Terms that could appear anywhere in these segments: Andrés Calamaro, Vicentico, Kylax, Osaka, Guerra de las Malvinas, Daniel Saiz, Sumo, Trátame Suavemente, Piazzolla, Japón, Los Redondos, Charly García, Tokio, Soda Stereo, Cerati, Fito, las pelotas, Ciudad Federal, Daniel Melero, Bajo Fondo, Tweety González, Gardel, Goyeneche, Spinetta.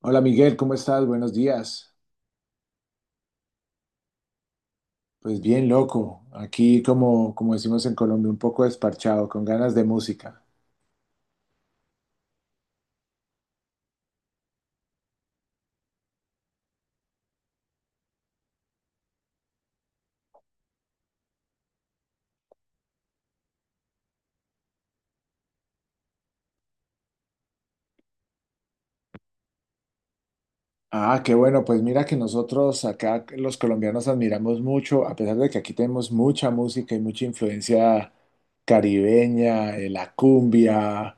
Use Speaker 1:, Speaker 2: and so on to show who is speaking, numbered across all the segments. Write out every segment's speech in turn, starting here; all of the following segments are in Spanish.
Speaker 1: Hola Miguel, ¿cómo estás? Buenos días. Pues bien loco, aquí como decimos en Colombia, un poco desparchado, con ganas de música. Ah, qué bueno, pues mira que nosotros acá los colombianos admiramos mucho, a pesar de que aquí tenemos mucha música y mucha influencia caribeña, la cumbia.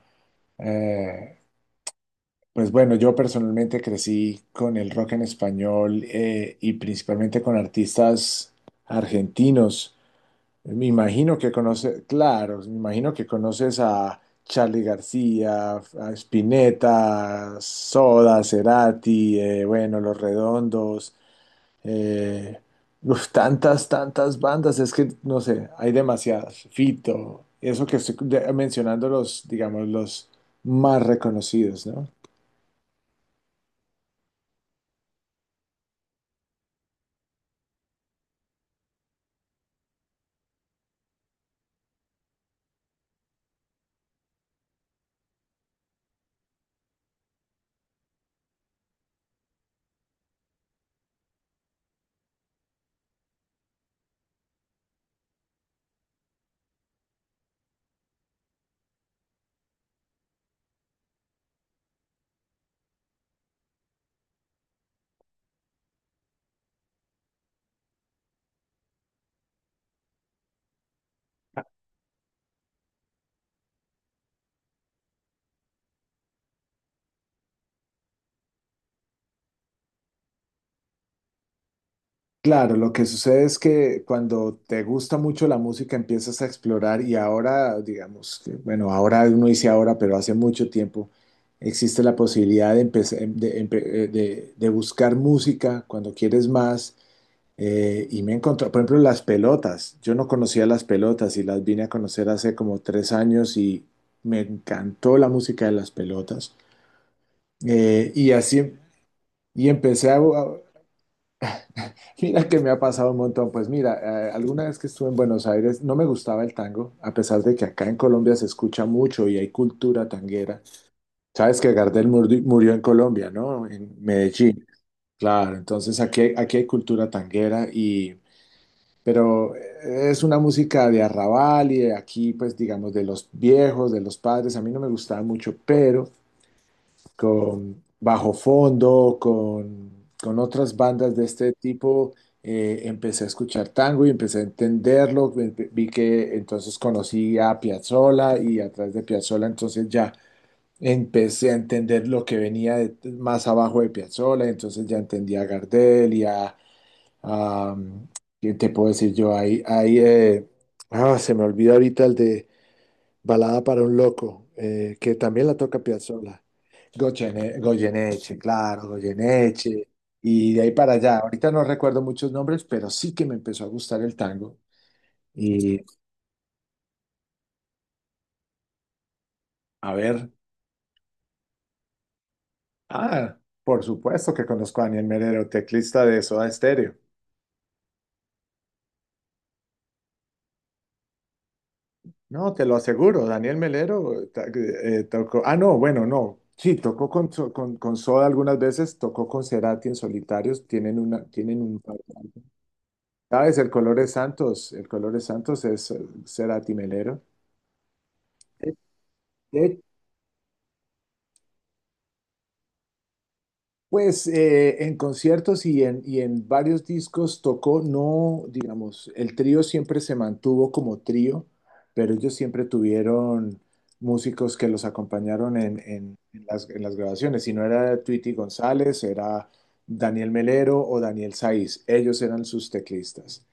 Speaker 1: eh, pues bueno, yo personalmente crecí con el rock en español, y principalmente con artistas argentinos. Me imagino que conoces, claro, me imagino que conoces a Charly García, a Spinetta, Soda, Cerati, bueno, Los Redondos, eh, uf, tantas bandas, es que no sé, hay demasiadas. Fito, eso que estoy mencionando los, digamos, los más reconocidos, ¿no? Claro, lo que sucede es que cuando te gusta mucho la música empiezas a explorar y ahora, digamos, que, bueno, ahora uno dice ahora, pero hace mucho tiempo existe la posibilidad de, empezar- de, empe- de buscar música cuando quieres más. Y me encontró, por ejemplo, las pelotas. Yo no conocía las pelotas y las vine a conocer hace como tres años y me encantó la música de las pelotas. Y así, em, y empecé a, Mira que me ha pasado un montón. Pues mira, alguna vez que estuve en Buenos Aires no me gustaba el tango, a pesar de que acá en Colombia se escucha mucho y hay cultura tanguera. Sabes que murió en Colombia, ¿no? En Medellín. Claro, entonces aquí hay cultura tanguera y... Pero es una música de arrabal y de aquí, pues digamos, de los viejos, de los padres. A mí no me gustaba mucho, pero con Bajo Fondo, con otras bandas de este tipo, empecé a escuchar tango y empecé a entenderlo. Vi que entonces conocí a Piazzolla y a través de Piazzolla entonces ya empecé a entender lo que venía más abajo de Piazzolla, entonces ya entendí a Gardel y a ¿qué te puedo decir yo? Se me olvida ahorita el de... Balada para un loco, que también la toca Piazzolla. Goyeneche, claro, Goyeneche. Y de ahí para allá. Ahorita no recuerdo muchos nombres, pero sí que me empezó a gustar el tango. Y a ver, ah, por supuesto que conozco a Daniel Melero, teclista de Soda Stereo. No, te lo aseguro, tocó. Ah, no, bueno, no. Sí, tocó con Soda algunas veces, tocó con Cerati en solitarios. Tienen un ¿Sabes? El color de Santos es Cerati Melero. De- pues en conciertos y en varios discos tocó, no, digamos, el trío siempre se mantuvo como trío, pero ellos siempre tuvieron músicos que los acompañaron en las grabaciones. Si no era Tweety González, era Daniel Melero o Daniel Saiz. Ellos eran sus teclistas.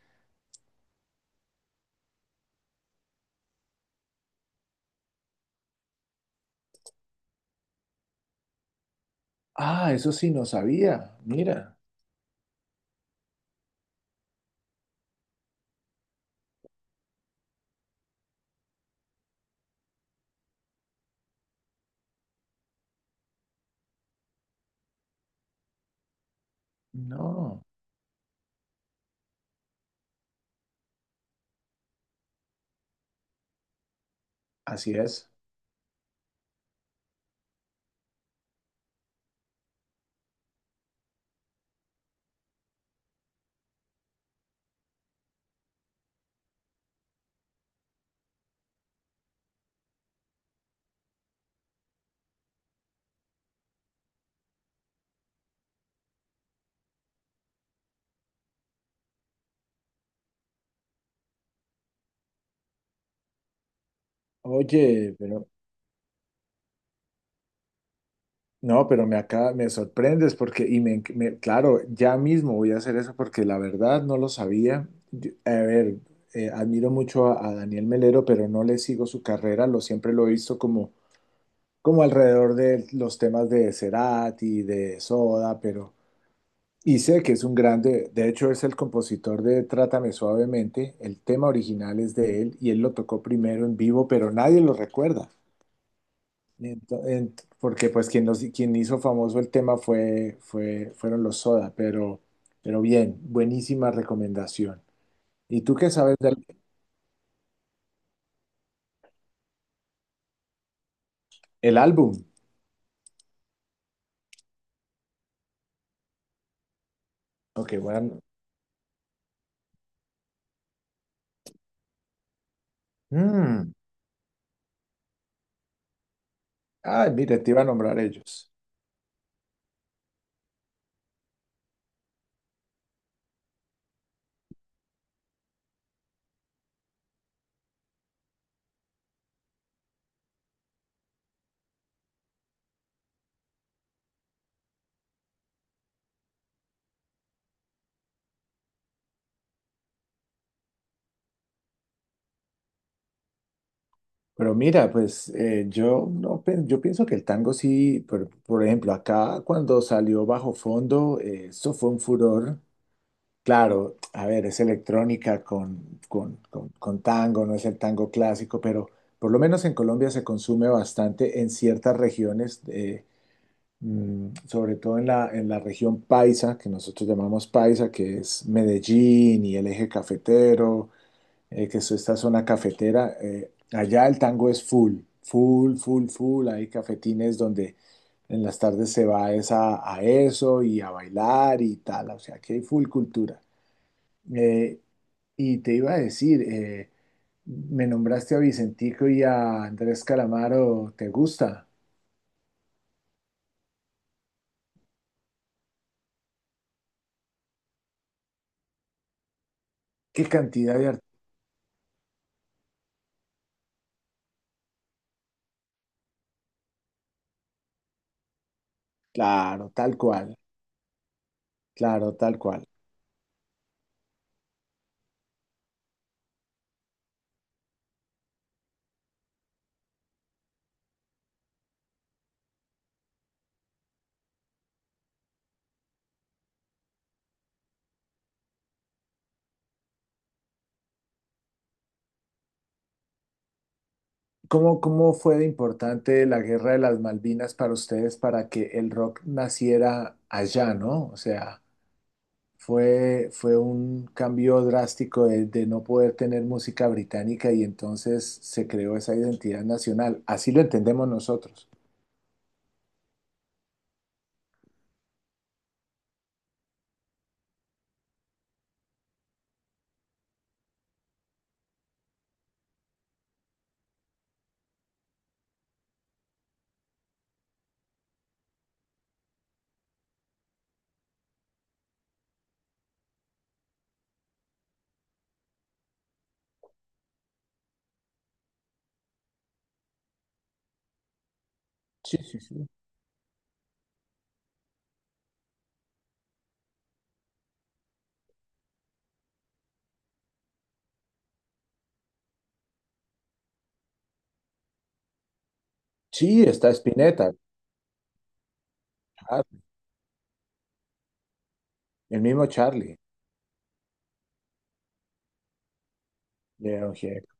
Speaker 1: Ah, eso sí, no sabía. Mira, no, así es. Oye, pero no, pero me acá me sorprendes porque, claro, ya mismo voy a hacer eso porque la verdad no lo sabía. Yo- a ver, admiro mucho a Daniel Melero, pero no le sigo su carrera, lo siempre lo he visto como, como alrededor de los temas de Cerati, de Soda, pero, y sé que es un grande, de hecho es el compositor de Trátame Suavemente, el tema original es de él y él lo tocó primero en vivo, pero nadie lo recuerda. Ento- en- Porque pues quien hizo famoso el tema fueron los Soda, pero bien, buenísima recomendación. ¿Y tú qué sabes del el álbum? Ok, bueno. Mm. Ah, mira, te iba a nombrar ellos. Pero mira, pues yo, no, pe- yo pienso que el tango sí, por ejemplo, acá cuando salió Bajo Fondo, eso fue un furor. Claro, a ver, es electrónica con tango, no es el tango clásico, pero por lo menos en Colombia se consume bastante en ciertas regiones, sobre todo en la región paisa, que nosotros llamamos paisa, que es Medellín y el eje cafetero, que es esta zona cafetera. Allá el tango es full. Hay cafetines donde en las tardes se va es a eso y a bailar y tal, o sea que hay full cultura. Eh, y te iba a decir, me nombraste a Vicentico y a Andrés Calamaro, ¿te gusta? ¿Qué cantidad de artistas? Claro, tal cual, claro, tal cual. ¿Cómo fue de importante la Guerra de las Malvinas para ustedes para que el rock naciera allá, ¿no? O sea, fue un cambio drástico de no poder tener música británica y entonces se creó esa identidad nacional. Así lo entendemos nosotros. Sí, sí, sí. Sí, está Spinetta. Ah, el mismo Charlie, de Ojeda.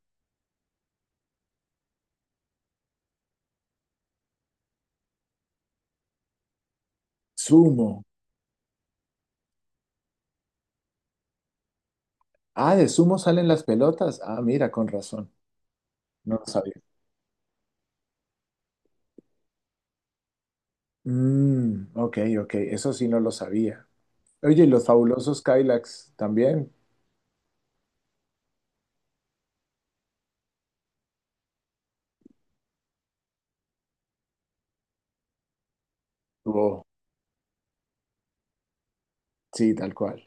Speaker 1: Sumo. Ah, de sumo salen las pelotas. Ah, mira, con razón. No lo sabía. Mm, ok, ok, eso sí no lo sabía. Oye, ¿y los fabulosos Kylax también? Oh, sí, tal cual.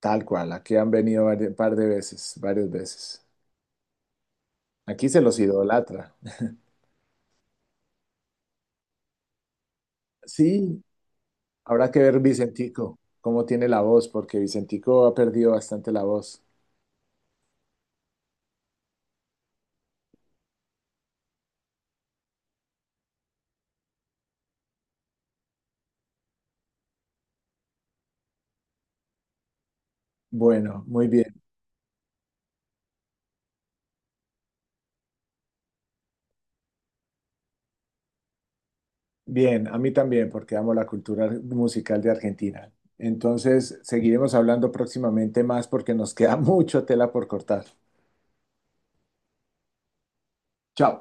Speaker 1: Tal cual. Aquí han venido un par de veces, varias veces. Aquí se los idolatra. Sí, habrá que ver Vicentico, cómo tiene la voz, porque Vicentico ha perdido bastante la voz. Bueno, muy bien. Bien, a mí también, porque amo la cultura musical de Argentina. Entonces, seguiremos hablando próximamente más porque nos queda mucho tela por cortar. Chao.